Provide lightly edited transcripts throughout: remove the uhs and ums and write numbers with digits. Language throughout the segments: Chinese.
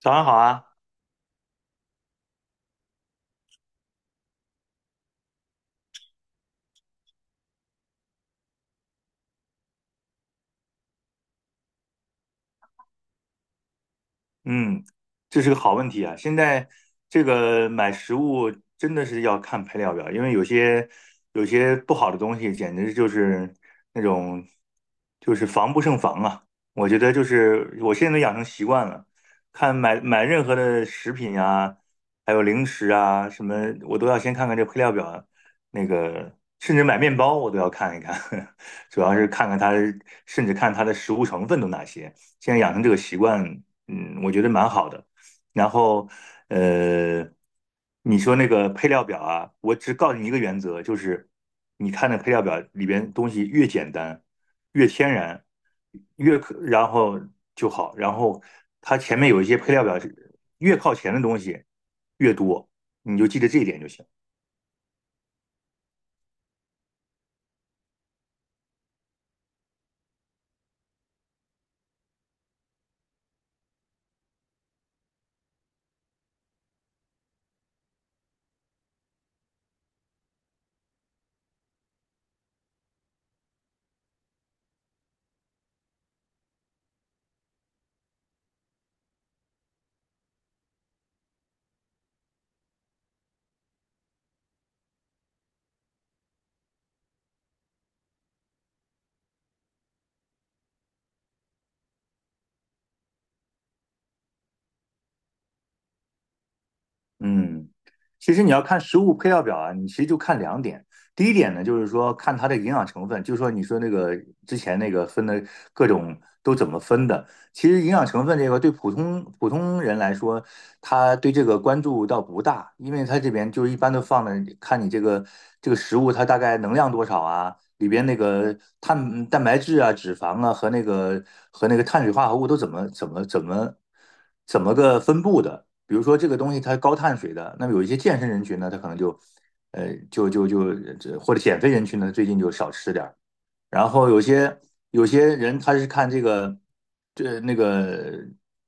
早上好啊，嗯，这是个好问题啊！现在这个买食物真的是要看配料表，因为有些不好的东西，简直就是那种就是防不胜防啊！我觉得就是我现在都养成习惯了，买任何的食品啊，还有零食啊什么，我都要先看看这配料表，那个甚至买面包我都要看一看，主要是看看它，甚至看它的食物成分都哪些。现在养成这个习惯，嗯，我觉得蛮好的。然后，呃，你说那个配料表啊，我只告诉你一个原则，就是你看那配料表里边东西越简单、越天然、然后就好。然后它前面有一些配料表是越靠前的东西越多，你就记得这一点就行。嗯，其实你要看食物配料表啊，你其实就看两点。第一点呢，就是说看它的营养成分，就是说你说那个之前那个分的各种都怎么分的。其实营养成分这个对普通人来说，他对这个关注倒不大，因为他这边就是一般都放的，看你这个食物它大概能量多少啊，里边那个碳蛋白质啊、脂肪啊和那个碳水化合物都怎么个分布的。比如说这个东西它高碳水的，那么有一些健身人群呢，他可能就，呃，就就就或者减肥人群呢，最近就少吃点然后有些人他是看这个，这那个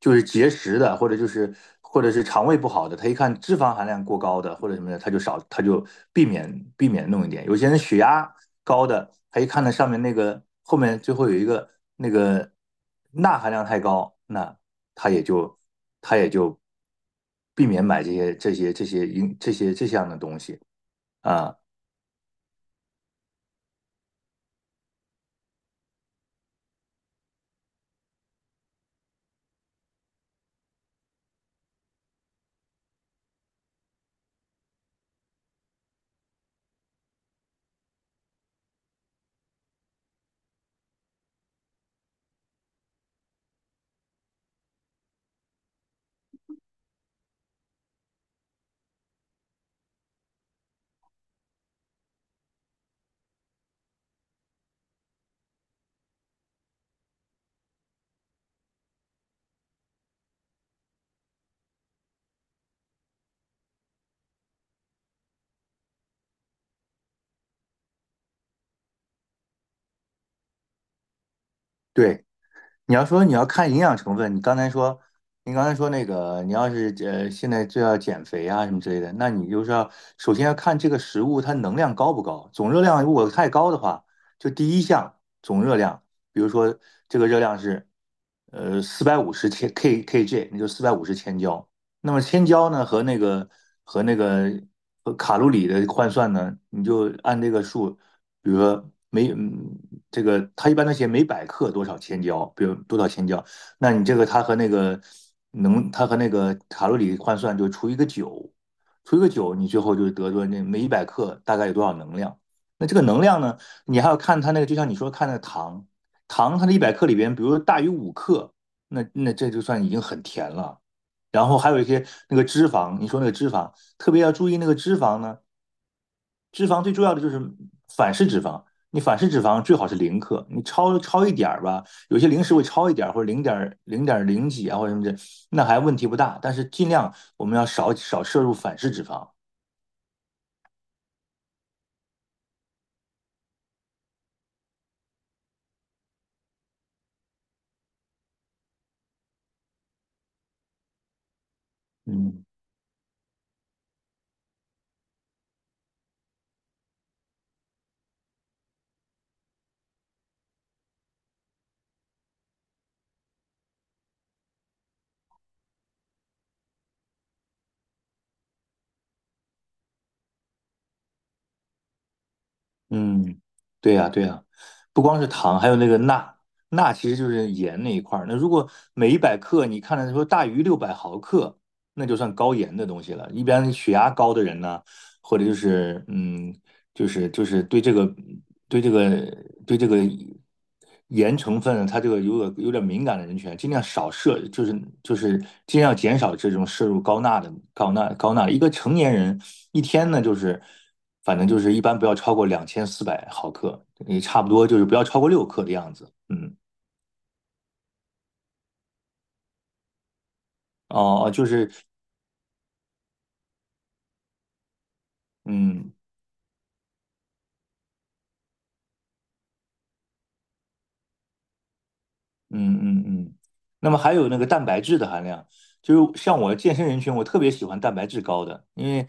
就是节食的，或者是肠胃不好的，他一看脂肪含量过高的或者什么的，他就避免弄一点。有些人血压高的，他一看那上面那个后面最后有一个那个钠含量太高，那他也就他也就避免买这些这样的东西啊。对，你要说你要看营养成分，你刚才说那个，你要是现在就要减肥啊什么之类的，那你就是要首先要看这个食物它能量高不高，总热量如果太高的话，就第一项总热量，比如说这个热量是四百五十千 KJ，那就450千焦。那么千焦呢和那个和卡路里的换算呢，你就按这个数。比如说这个它一般都写每百克多少千焦，比如多少千焦，那你这个它和那个卡路里换算就除一个九，除一个九，你最后就得出那每一百克大概有多少能量。那这个能量呢，你还要看它那个，就像你说看那个糖，糖它的一百克里边，比如说大于5克，那这就算已经很甜了。然后还有一些那个脂肪，你说那个脂肪，特别要注意那个脂肪呢。脂肪最重要的就是反式脂肪，你反式脂肪最好是0克，你超超一点儿吧，有些零食会超一点儿或者零点零几啊或者什么的，那还问题不大。但是尽量我们要少少摄入反式脂肪。嗯嗯，对呀对呀，不光是糖，还有那个钠，钠其实就是盐那一块儿。那如果每一百克你看着说大于600毫克，那就算高盐的东西了。一般血压高的人呢，或者就是就是对这个对这个盐成分，它这个有点敏感的人群啊，尽量少摄，就是尽量减少这种摄入高钠的高钠高钠。一个成年人一天呢，反正一般不要超过2,400毫克，也差不多就是不要超过六克的样子。嗯，哦哦，就是嗯。嗯嗯嗯，那么还有那个蛋白质的含量，就是像我健身人群，我特别喜欢蛋白质高的，因为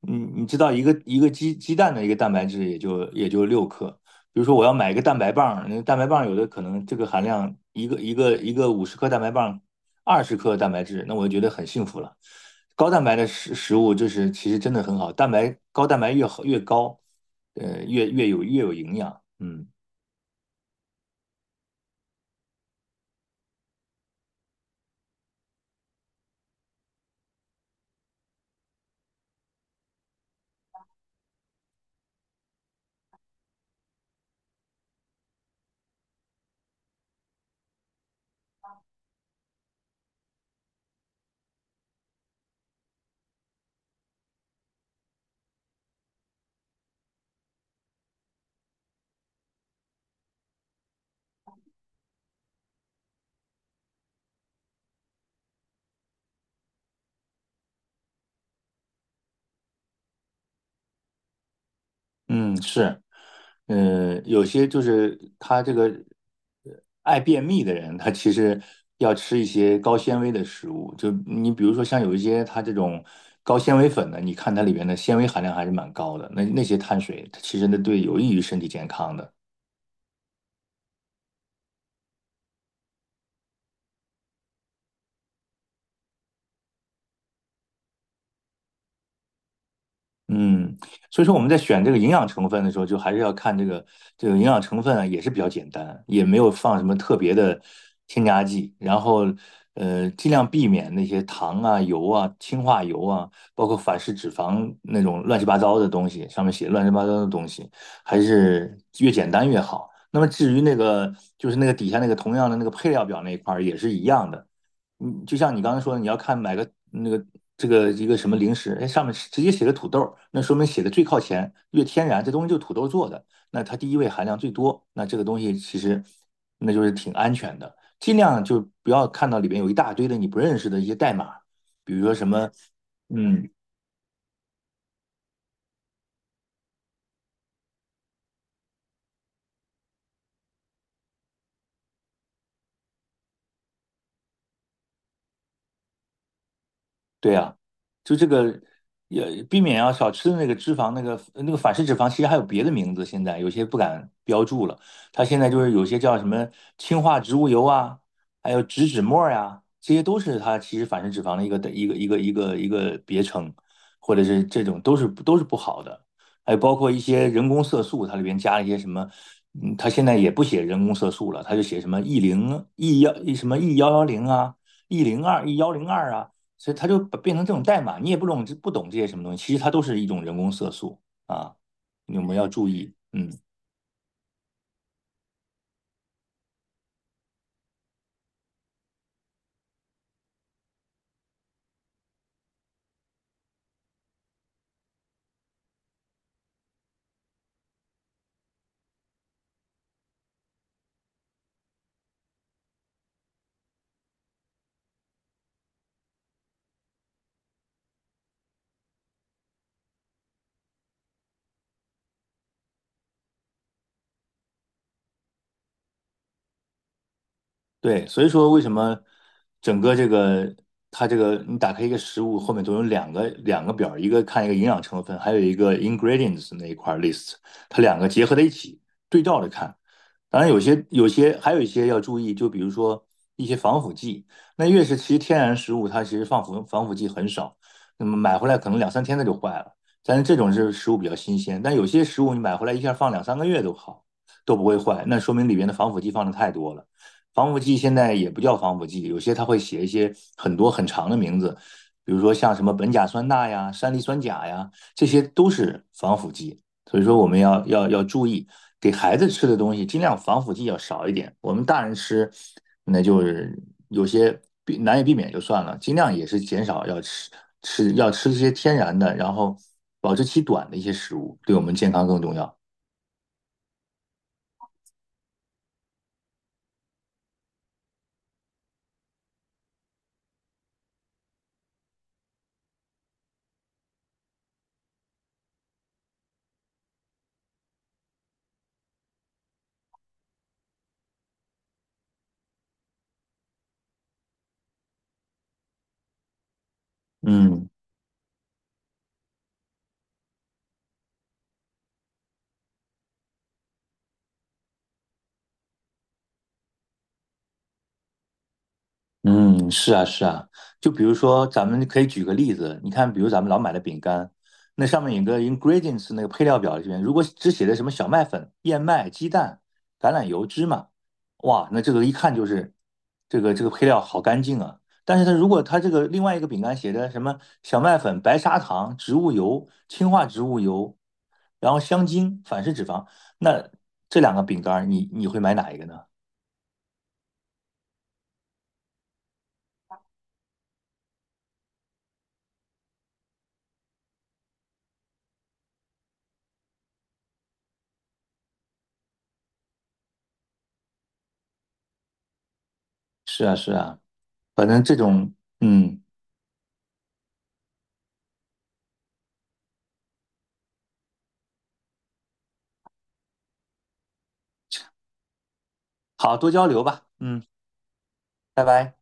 你知道一个鸡蛋的一个蛋白质也就六克，比如说我要买一个蛋白棒，那个蛋白棒有的可能这个含量一个50克蛋白棒，20克蛋白质，那我就觉得很幸福了。高蛋白的食物就是其实真的很好，高蛋白越好越高，越有营养，嗯嗯是。嗯，有些就是他这个呃爱便秘的人，他其实要吃一些高纤维的食物。就你比如说像有一些他这种高纤维粉的，你看它里面的纤维含量还是蛮高的，那些碳水它其实那对有益于身体健康的。嗯，所以说我们在选这个营养成分的时候，就还是要看这个营养成分啊，也是比较简单，也没有放什么特别的添加剂，然后尽量避免那些糖啊、油啊、氢化油啊，包括反式脂肪那种乱七八糟的东西，上面写乱七八糟的东西，还是越简单越好。那么至于那个就是那个底下那个同样的那个配料表那一块儿也是一样的。嗯，就像你刚才说的，你要看买个那个这个一个什么零食，哎，上面直接写个土豆那说明写的最靠前，越天然，这东西就土豆做的，那它第一位含量最多，那这个东西其实那就是挺安全的，尽量就不要看到里边有一大堆的你不认识的一些代码，比如说什么，嗯，对呀，就这个也避免要少吃的那个脂肪，那个反式脂肪，其实还有别的名字，现在有些不敢标注了。它现在就是有些叫什么氢化植物油啊，还有植脂末呀、这些都是它其实反式脂肪的一个别称，或者是这种都是不好的。还有包括一些人工色素，它里边加了一些什么，嗯，它现在也不写人工色素了，它就写什么 E 零 E1什么 E110啊。E02、E102啊所以它就把变成这种代码，你也不懂这些什么东西，其实它都是一种人工色素啊，你们要注意，嗯。对，所以说为什么整个这个它这个你打开一个食物后面都有两个表儿一个营养成分，还有一个 ingredients 那一块儿 list，它两个结合在一起对照着看。当然有些还有一些要注意，就比如说一些防腐剂，那越是其实天然食物它其实防腐剂很少，那么买回来可能两三天它就坏了。但是这种是食物比较新鲜，但有些食物你买回来一下放两三个月都好，都不会坏，那说明里边的防腐剂放的太多了。防腐剂现在也不叫防腐剂，有些它会写一些很多很长的名字，比如说像什么苯甲酸钠呀、山梨酸钾呀，这些都是防腐剂。所以说我们要注意，给孩子吃的东西尽量防腐剂要少一点。我们大人吃，那就是有些难以避免就算了，尽量也是减少要吃一些天然的，然后保质期短的一些食物，对我们健康更重要。嗯。嗯，是啊，是啊，就比如说，咱们可以举个例子，你看，比如咱们老买的饼干，那上面有个 ingredients 那个配料表里面，如果只写的什么小麦粉、燕麦、鸡蛋、橄榄油、芝麻，哇，那这个一看就是这个配料好干净啊。但是如果这个另外一个饼干写的什么小麦粉、白砂糖、植物油、氢化植物油，然后香精、反式脂肪，那这两个饼干儿你会买哪一个呢？是啊，是啊，反正这种嗯。好，多交流吧。嗯，拜拜。